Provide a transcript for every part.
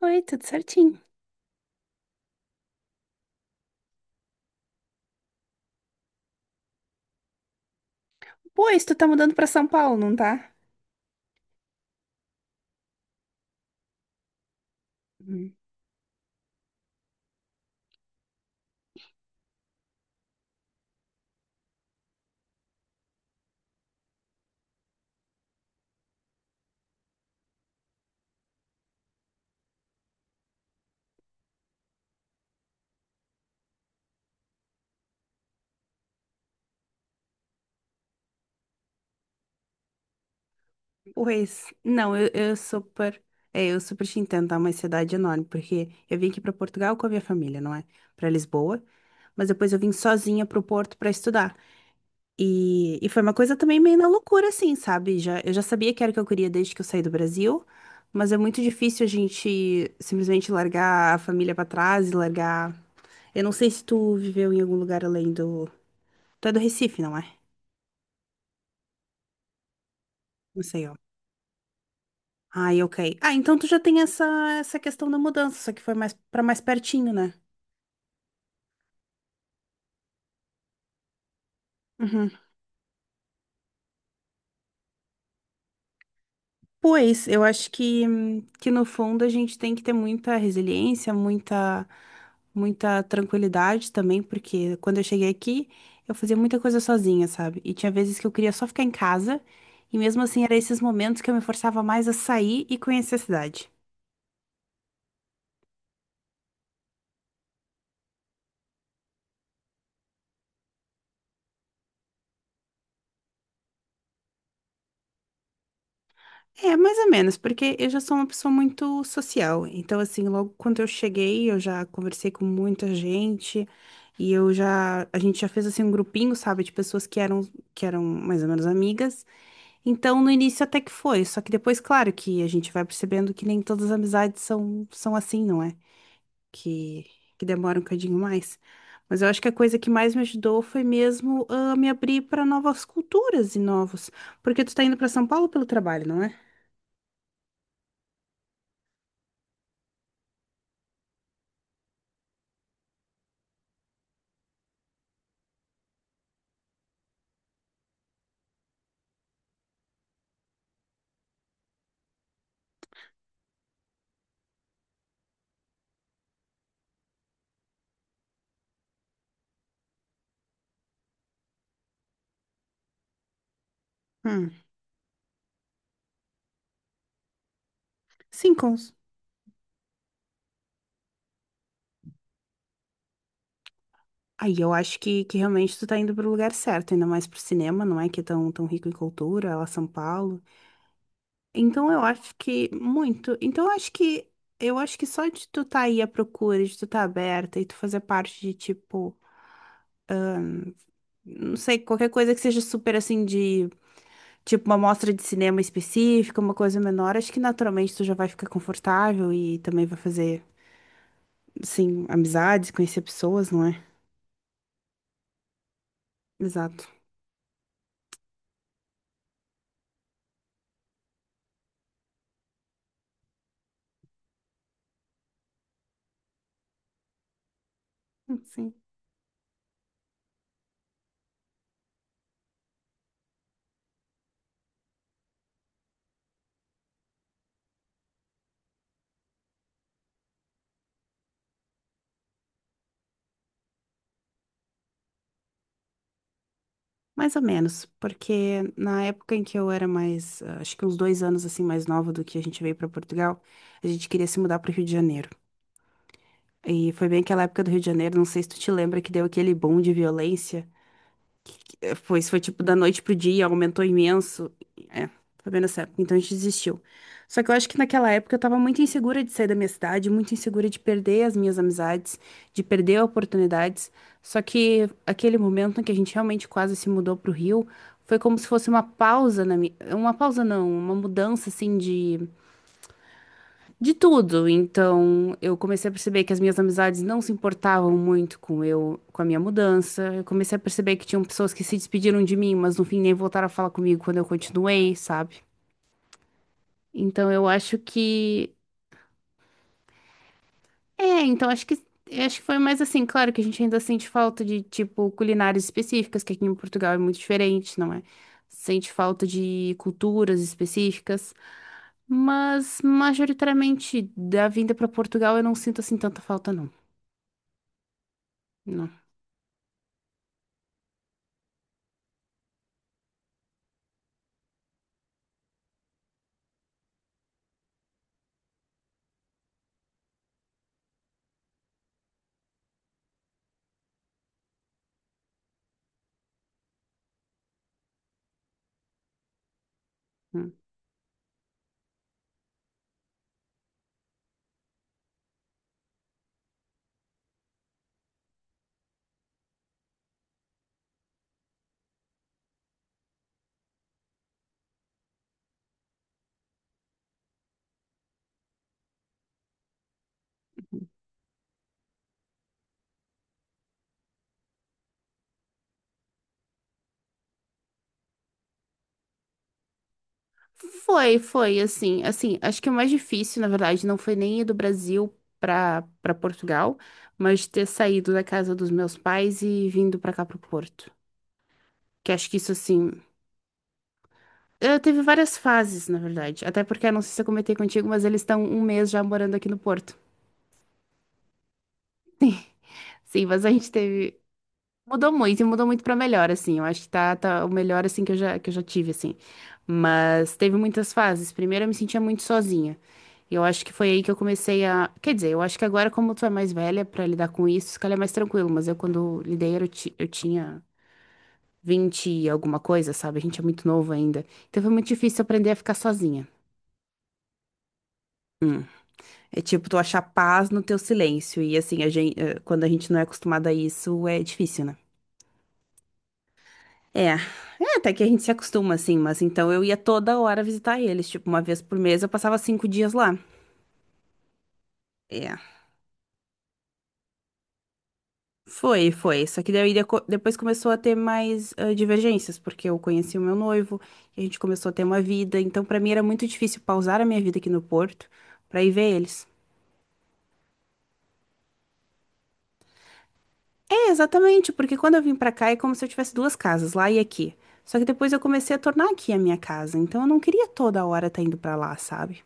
Oi, tudo certinho. Pois, tu tá mudando pra São Paulo, não tá? Hum. Pois, não, eu super. É, eu super te entendo, tá? Uma cidade enorme, porque eu vim aqui pra Portugal com a minha família, não é? Pra Lisboa. Mas depois eu vim sozinha pro Porto pra estudar. E foi uma coisa também meio na loucura, assim, sabe? Já, eu já sabia que era o que eu queria desde que eu saí do Brasil, mas é muito difícil a gente simplesmente largar a família pra trás e largar. Eu não sei se tu viveu em algum lugar além do. Tu é do Recife, não é? Não sei. Ai, ok. Ah, então tu já tem essa, essa questão da mudança, só que foi mais para mais pertinho, né? Uhum. Pois, eu acho que no fundo a gente tem que ter muita resiliência, muita, muita tranquilidade também, porque quando eu cheguei aqui, eu fazia muita coisa sozinha, sabe? E tinha vezes que eu queria só ficar em casa, e mesmo assim eram esses momentos que eu me forçava mais a sair e conhecer a cidade. É, mais ou menos, porque eu já sou uma pessoa muito social. Então, assim, logo quando eu cheguei, eu já conversei com muita gente e eu já, a gente já fez assim um grupinho, sabe, de pessoas que eram mais ou menos amigas. Então, no início até que foi, só que depois, claro, que a gente vai percebendo que nem todas as amizades são assim, não é? Que que demora um bocadinho mais. Mas eu acho que a coisa que mais me ajudou foi mesmo me abrir para novas culturas e novos, porque tu tá indo para São Paulo pelo trabalho, não é? Hum. Sim, cons. Aí eu acho que realmente tu tá indo pro lugar certo, ainda mais pro cinema, não é? Que é tão, tão rico em cultura, lá São Paulo. Então eu acho que muito. Então eu acho que só de tu tá aí à procura, de tu tá aberta e tu fazer parte de tipo, não sei, qualquer coisa que seja super assim de tipo uma mostra de cinema específica, uma coisa menor, acho que naturalmente tu já vai ficar confortável e também vai fazer, assim, amizades, conhecer pessoas, não é? Exato. Sim. Mais ou menos, porque na época em que eu era mais, acho que uns dois anos assim mais nova do que a gente veio para Portugal, a gente queria se mudar para o Rio de Janeiro. E foi bem aquela época do Rio de Janeiro, não sei se tu te lembra que deu aquele boom de violência. É, isso foi tipo da noite pro dia, aumentou imenso. É, foi bem nessa época, então a gente desistiu. Só que eu acho que naquela época eu tava muito insegura de sair da minha cidade, muito insegura de perder as minhas amizades, de perder oportunidades. Só que aquele momento em que a gente realmente quase se mudou pro Rio, foi como se fosse uma pausa na minha, uma pausa não, uma mudança assim de tudo. Então, eu comecei a perceber que as minhas amizades não se importavam muito com eu, com a minha mudança. Eu comecei a perceber que tinham pessoas que se despediram de mim, mas no fim nem voltaram a falar comigo quando eu continuei, sabe? Então, eu acho que é, então acho que foi mais assim, claro que a gente ainda sente falta de tipo culinárias específicas, que aqui em Portugal é muito diferente, não é? Sente falta de culturas específicas, mas majoritariamente da vinda para Portugal eu não sinto assim tanta falta, não. Não. Foi, foi, assim, assim, acho que o mais difícil, na verdade, não foi nem ir do Brasil para Portugal, mas ter saído da casa dos meus pais e vindo para cá pro Porto. Que acho que isso, assim, eu teve várias fases, na verdade, até porque, eu não sei se eu comentei contigo, mas eles estão um mês já morando aqui no Porto. Sim, mas a gente teve. Mudou muito e mudou muito pra melhor, assim. Eu acho que tá, tá o melhor, assim, que eu já tive, assim. Mas teve muitas fases. Primeiro eu me sentia muito sozinha. E eu acho que foi aí que eu comecei a. Quer dizer, eu acho que agora, como tu é mais velha pra lidar com isso, se calhar é mais tranquilo. Mas eu, quando lidei, eu, eu tinha 20 e alguma coisa, sabe? A gente é muito novo ainda. Então foi muito difícil aprender a ficar sozinha. É tipo tu achar paz no teu silêncio. E assim, a gente, quando a gente não é acostumado a isso, é difícil, né? É, é, até que a gente se acostuma assim, mas então eu ia toda hora visitar eles, tipo, uma vez por mês eu passava cinco dias lá. É, foi, foi. Só que daí depois começou a ter mais divergências, porque eu conheci o meu noivo, e a gente começou a ter uma vida, então pra mim era muito difícil pausar a minha vida aqui no Porto pra ir ver eles. É, exatamente, porque quando eu vim pra cá é como se eu tivesse duas casas, lá e aqui. Só que depois eu comecei a tornar aqui a minha casa, então eu não queria toda hora estar indo pra lá, sabe?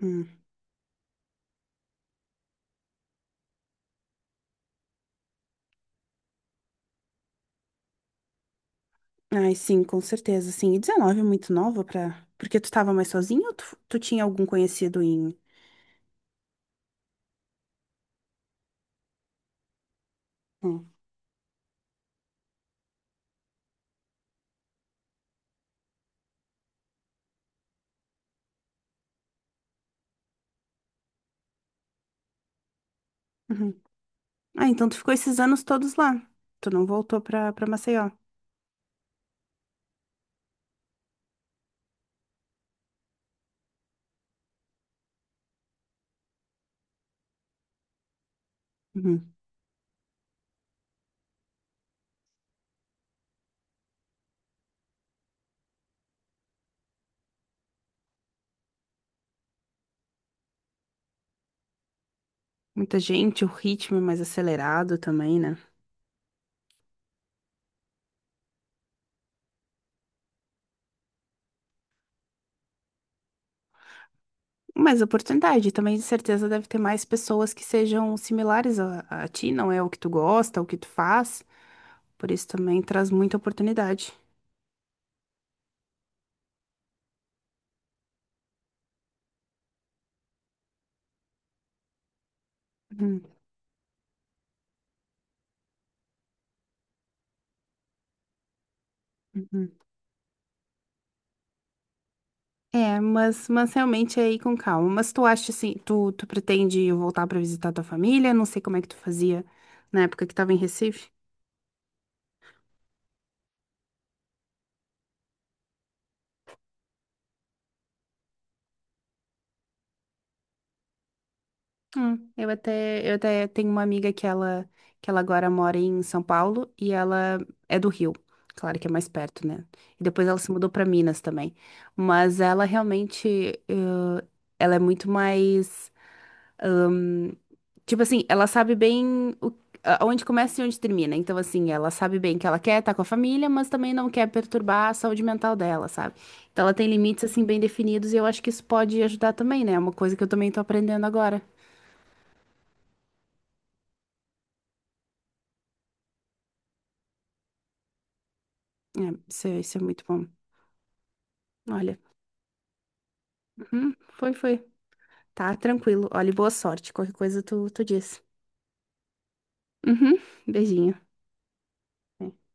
Hum. Ai, sim, com certeza, sim. E 19 é muito nova pra. Porque tu tava mais sozinho ou tu, tu tinha algum conhecido em. Hum. Uhum. Ah, então tu ficou esses anos todos lá. Tu não voltou pra, pra Maceió. Uhum. Muita gente, o ritmo é mais acelerado também, né? Mais oportunidade, também de certeza deve ter mais pessoas que sejam similares a ti, não é o que tu gosta, é o que tu faz. Por isso também traz muita oportunidade. Uhum. Uhum. É, mas realmente é aí com calma. Mas tu acha assim, tu, tu pretende voltar pra visitar tua família? Não sei como é que tu fazia na época que tava em Recife. Eu até tenho uma amiga que ela agora mora em São Paulo e ela é do Rio. Claro que é mais perto, né? E depois ela se mudou pra Minas também. Mas ela realmente, eh, ela é muito mais hum, tipo assim, ela sabe bem onde começa e onde termina. Então, assim, ela sabe bem que ela quer estar com a família, mas também não quer perturbar a saúde mental dela, sabe? Então, ela tem limites, assim, bem definidos e eu acho que isso pode ajudar também, né? É uma coisa que eu também tô aprendendo agora. É, isso, é isso é muito bom. Olha, uhum, foi, foi. Tá, tranquilo. Olha, e boa sorte. Qualquer coisa tu, tu diz. Uhum, beijinho. É.